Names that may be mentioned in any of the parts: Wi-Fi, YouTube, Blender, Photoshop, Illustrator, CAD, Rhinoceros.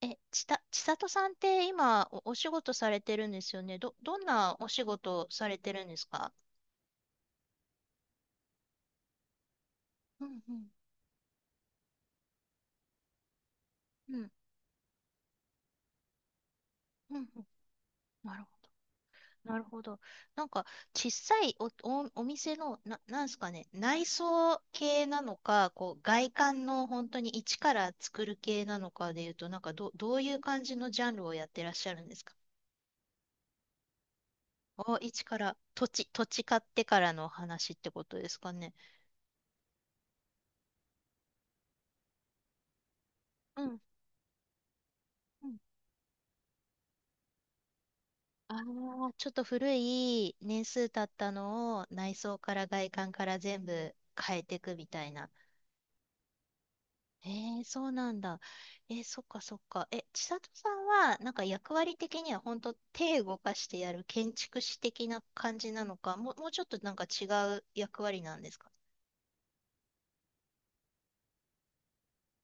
え、ちた、千里さんって今お仕事されてるんですよね。どんなお仕事されてるんですか？うんうん。うん、うん、うん。なるほど。なるほど。なんか、小さいお店の、なんですかね、内装系なのか、こう、外観の本当に一から作る系なのかでいうと、なんか、どういう感じのジャンルをやってらっしゃるんですか？お、一から、土地買ってからの話ってことですかね。うん。ああ、ちょっと古い年数経ったのを内装から外観から全部変えていくみたいな。えー、そうなんだ。えー、そっかそっか。千里さんは、なんか役割的には本当手動かしてやる建築士的な感じなのか、もうちょっとなんか違う役割なんですか？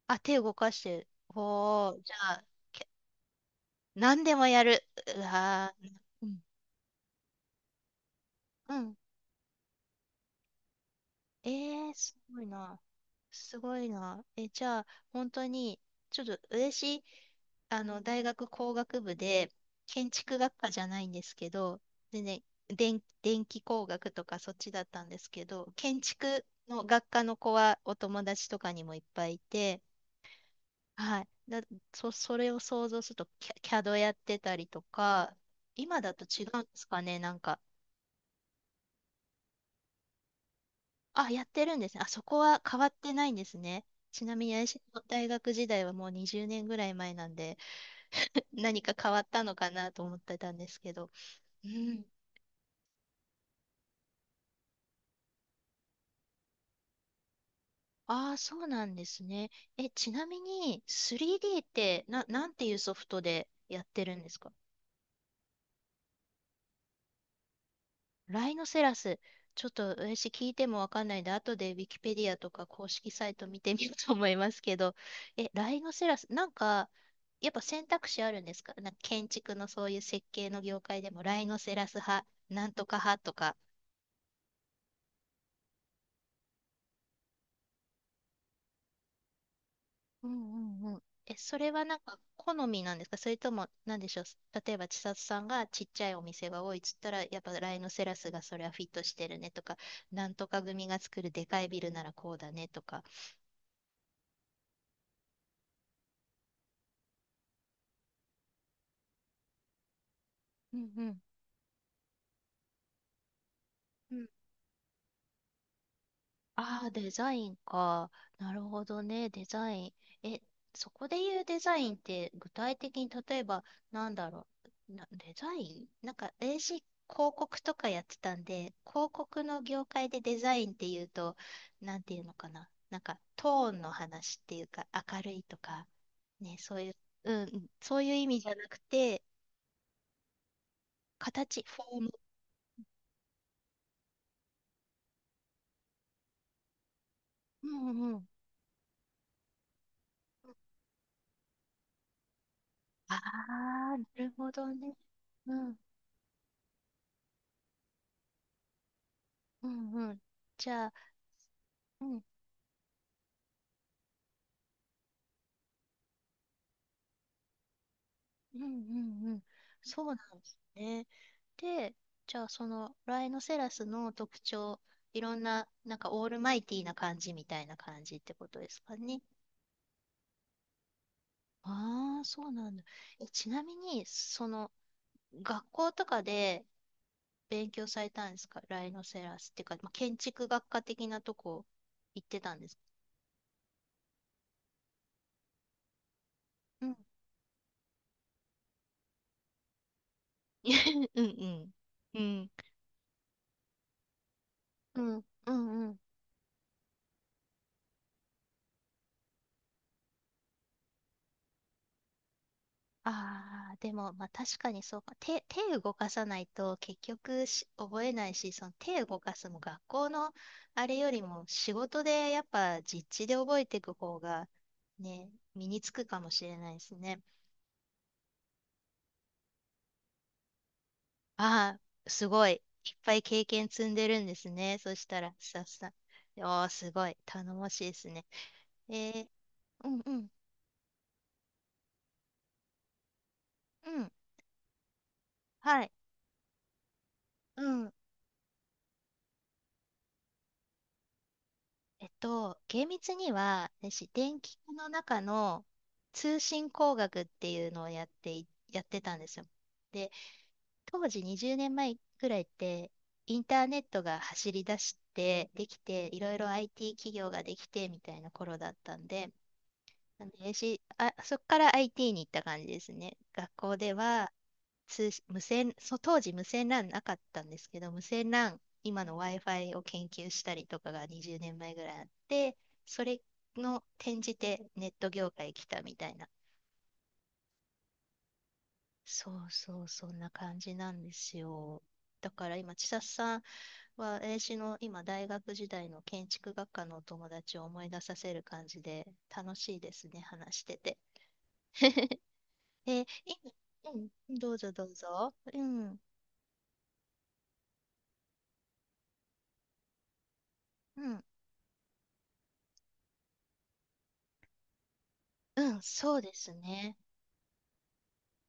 あ、手動かしてる。ほう、じゃあ、け、何でもやる。うわー、うん。うん。えー、すごいな。すごいな。え、じゃあ、本当に、ちょっと嬉しい、あの、大学工学部で、建築学科じゃないんですけど、でね、電気工学とかそっちだったんですけど、建築の学科の子はお友達とかにもいっぱいいて、はい。それを想像すると、CAD やってたりとか、今だと違うんですかね、なんか。あ、やってるんですね。あ、そこは変わってないんですね。ちなみに、私の大学時代はもう20年ぐらい前なんで、何か変わったのかなと思ってたんですけど。うん。ああ、そうなんですね。ちなみに 3D ってなんていうソフトでやってるんですか？ライノセラス。ちょっと私聞いてもわかんないんで、後でウィキペディアとか公式サイト見てみようと思いますけど、ライノセラス、なんか、やっぱ選択肢あるんですか？なんか建築のそういう設計の業界でも、ライノセラス派、なんとか派とか。うんうんうん。それはなんか好みなんですか？それとも、なんでしょう。例えば、千里さんがちっちゃいお店が多いっつったら、やっぱライノセラスがそれはフィットしてるねとか、なんとか組が作るでかいビルならこうだねとか。うんうん。うん。ああ、デザインか。なるほどね、デザイン。え、そこで言うデザインって具体的に例えばなんだろう。デザインなんか私広告とかやってたんで、広告の業界でデザインっていうと、なんていうのかな。なんかトーンの話っていうか、明るいとか、ね、そういう、うん、うんそういう意味じゃなくて、形、フォーム。うんうんうん。ああ、なるほどね。うんうんうん。じゃあ、うんうんうんうん。そうなんですね。で、じゃあそのライノセラスの特徴、いろんな、なんかオールマイティーな感じみたいな感じってことですかね。ああ、そうなんだ。ちなみに、その学校とかで勉強されたんですか？ライノセラスっていうか、まあ、建築学科的なとこ行ってたんですか？うん。うんうん。うん。うんうんうん。ああ、でも、まあ確かにそうか。手動かさないと結局覚えないし、その手動かすも学校のあれよりも仕事でやっぱ実地で覚えていく方がね、身につくかもしれないですね。ああ、すごい。いっぱい経験積んでるんですね。そしたら、スタッフさん。おー、すごい。頼もしいですね。えー、うんうん。うん。はい。うん。厳密には、私、電気科の中の通信工学っていうのをやってたんですよ。で、当時20年前ぐらいって、インターネットが走り出して、できて、いろいろ IT 企業ができてみたいな頃だったんで、なんで私そこから IT に行った感じですね。学校では通無線、そ当時無線 LAN なかったんですけど、無線 LAN、今の Wi-Fi を研究したりとかが20年前ぐらいあって、それの転じてネット業界来たみたいな。そうそう、そんな感じなんですよ。だから今、千里さんは、私の今、大学時代の建築学科のお友達を思い出させる感じで、楽しいですね、話してて。えー、うん、どうぞどうぞ。うん、うん、うん、そうですね。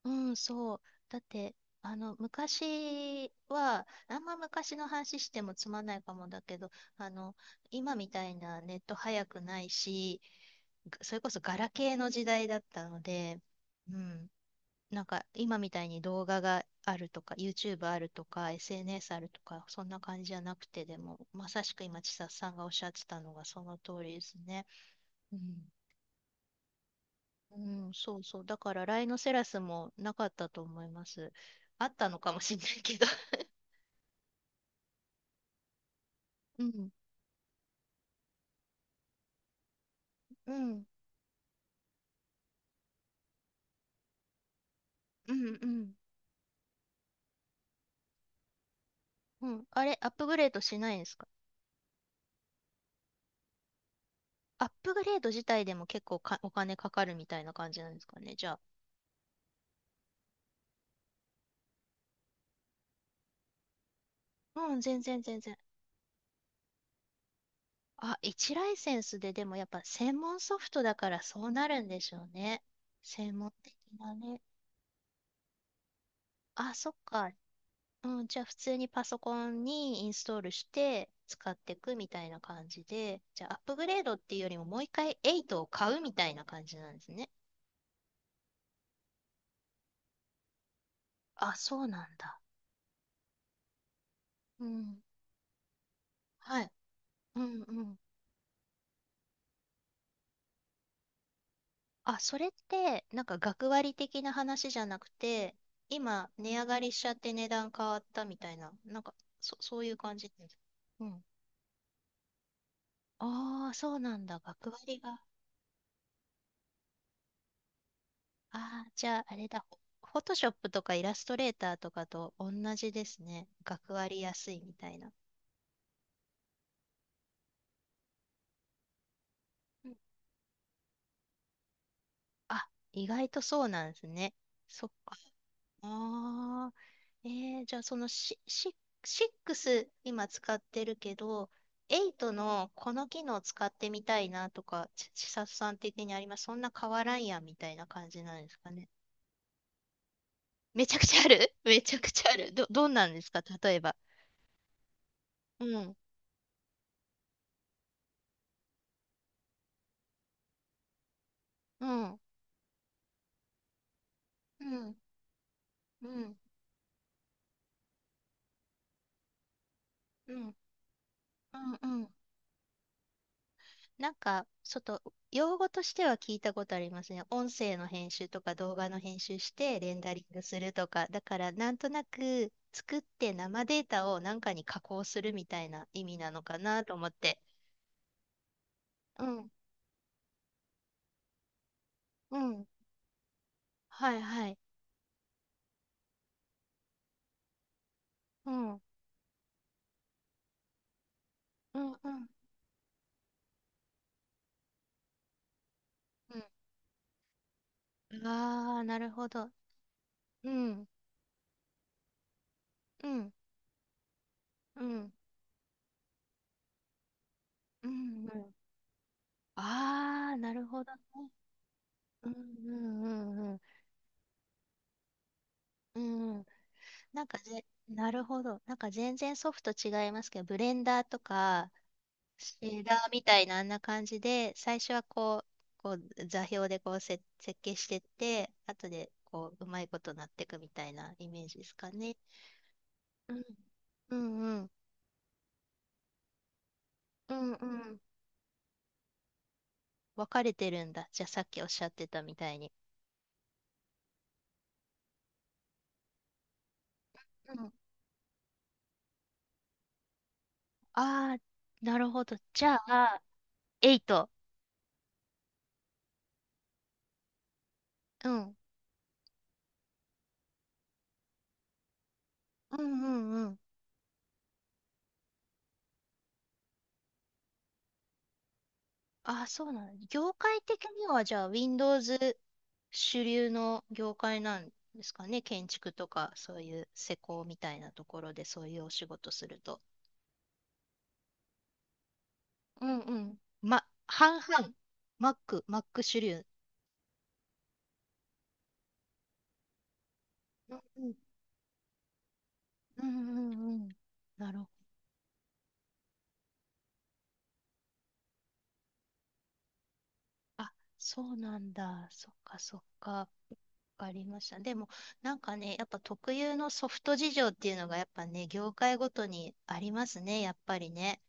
うん、そう。だって、あの、昔は、あんま昔の話してもつまんないかもだけど、あの、今みたいなネット早くないし、それこそガラケーの時代だったので、うん、なんか今みたいに動画があるとか、YouTube あるとか、SNS あるとか、そんな感じじゃなくて、でも、まさしく今、千里さんがおっしゃってたのがその通りですね。うんうん、そうそう。だから、ライノセラスもなかったと思います。あったのかもしれないけど。うん、うん、うん、うん。うん。あれ、アップグレードしないんですか？アップグレード自体でも結構お金かかるみたいな感じなんですかね、じゃあ。うん、全然全然。あ、1ライセンスででもやっぱ専門ソフトだからそうなるんでしょうね。専門的なね。あ、そっか。うん、じゃあ普通にパソコンにインストールして使っていくみたいな感じで、じゃあアップグレードっていうよりももう一回エイトを買うみたいな感じなんですね。あ、そうなんだ。うん。はい。うんうん。あ、それってなんか学割的な話じゃなくて、今値上がりしちゃって値段変わったみたいな、なんか、そういう感じです。うん。ああ、そうなんだ。学割が。ああ、じゃああれだ。フォトショップとかイラストレーターとかと同じですね。学割安いみたいな。うん。あ、意外とそうなんですね。そっか。ああ、えー、じゃあその6今使ってるけど、8のこの機能使ってみたいなとか、ち、ちさ里さん的にあります？そんな変わらんやんみたいな感じなんですかね。めちゃくちゃある？ めちゃくちゃある。どんなんですか？例えば。うん、うん、うん、うん。うんうんうん。なんか、ちょっと、用語としては聞いたことありますね。音声の編集とか動画の編集してレンダリングするとか。だから、なんとなく作って生データをなんかに加工するみたいな意味なのかなと思って。うん、うん。はいはい。うん、うん、うん、うん。ああ、なるほど。うん、うん、うん、うん、うん。ああ、なるほどね。うん、うん、うん、うん。うん。なんかぜ、なるほど。なんか全然ソフト違いますけど、ブレンダーとか、シェーダーみたいなあんな感じで、最初はこう座標でこう設計してって、後でこう、うまいことなっていくみたいなイメージですかね。うん。うんうん。うんうん。分かれてるんだ。じゃあさっきおっしゃってたみたいに。うん。ああ、なるほど。じゃあ、8。うん。うんうんうん。ああ、そうなの。業界的にはじゃあ Windows 主流の業界なんですかね。建築とか、そういう施工みたいなところで、そういうお仕事すると。うんうん。ま、半々。マック主流。うんうんうんうんうん。なるほど。あ、そうなんだ。そっかそっか。わかりました。でも、なんかね、やっぱ特有のソフト事情っていうのが、やっぱね、業界ごとにありますね、やっぱりね。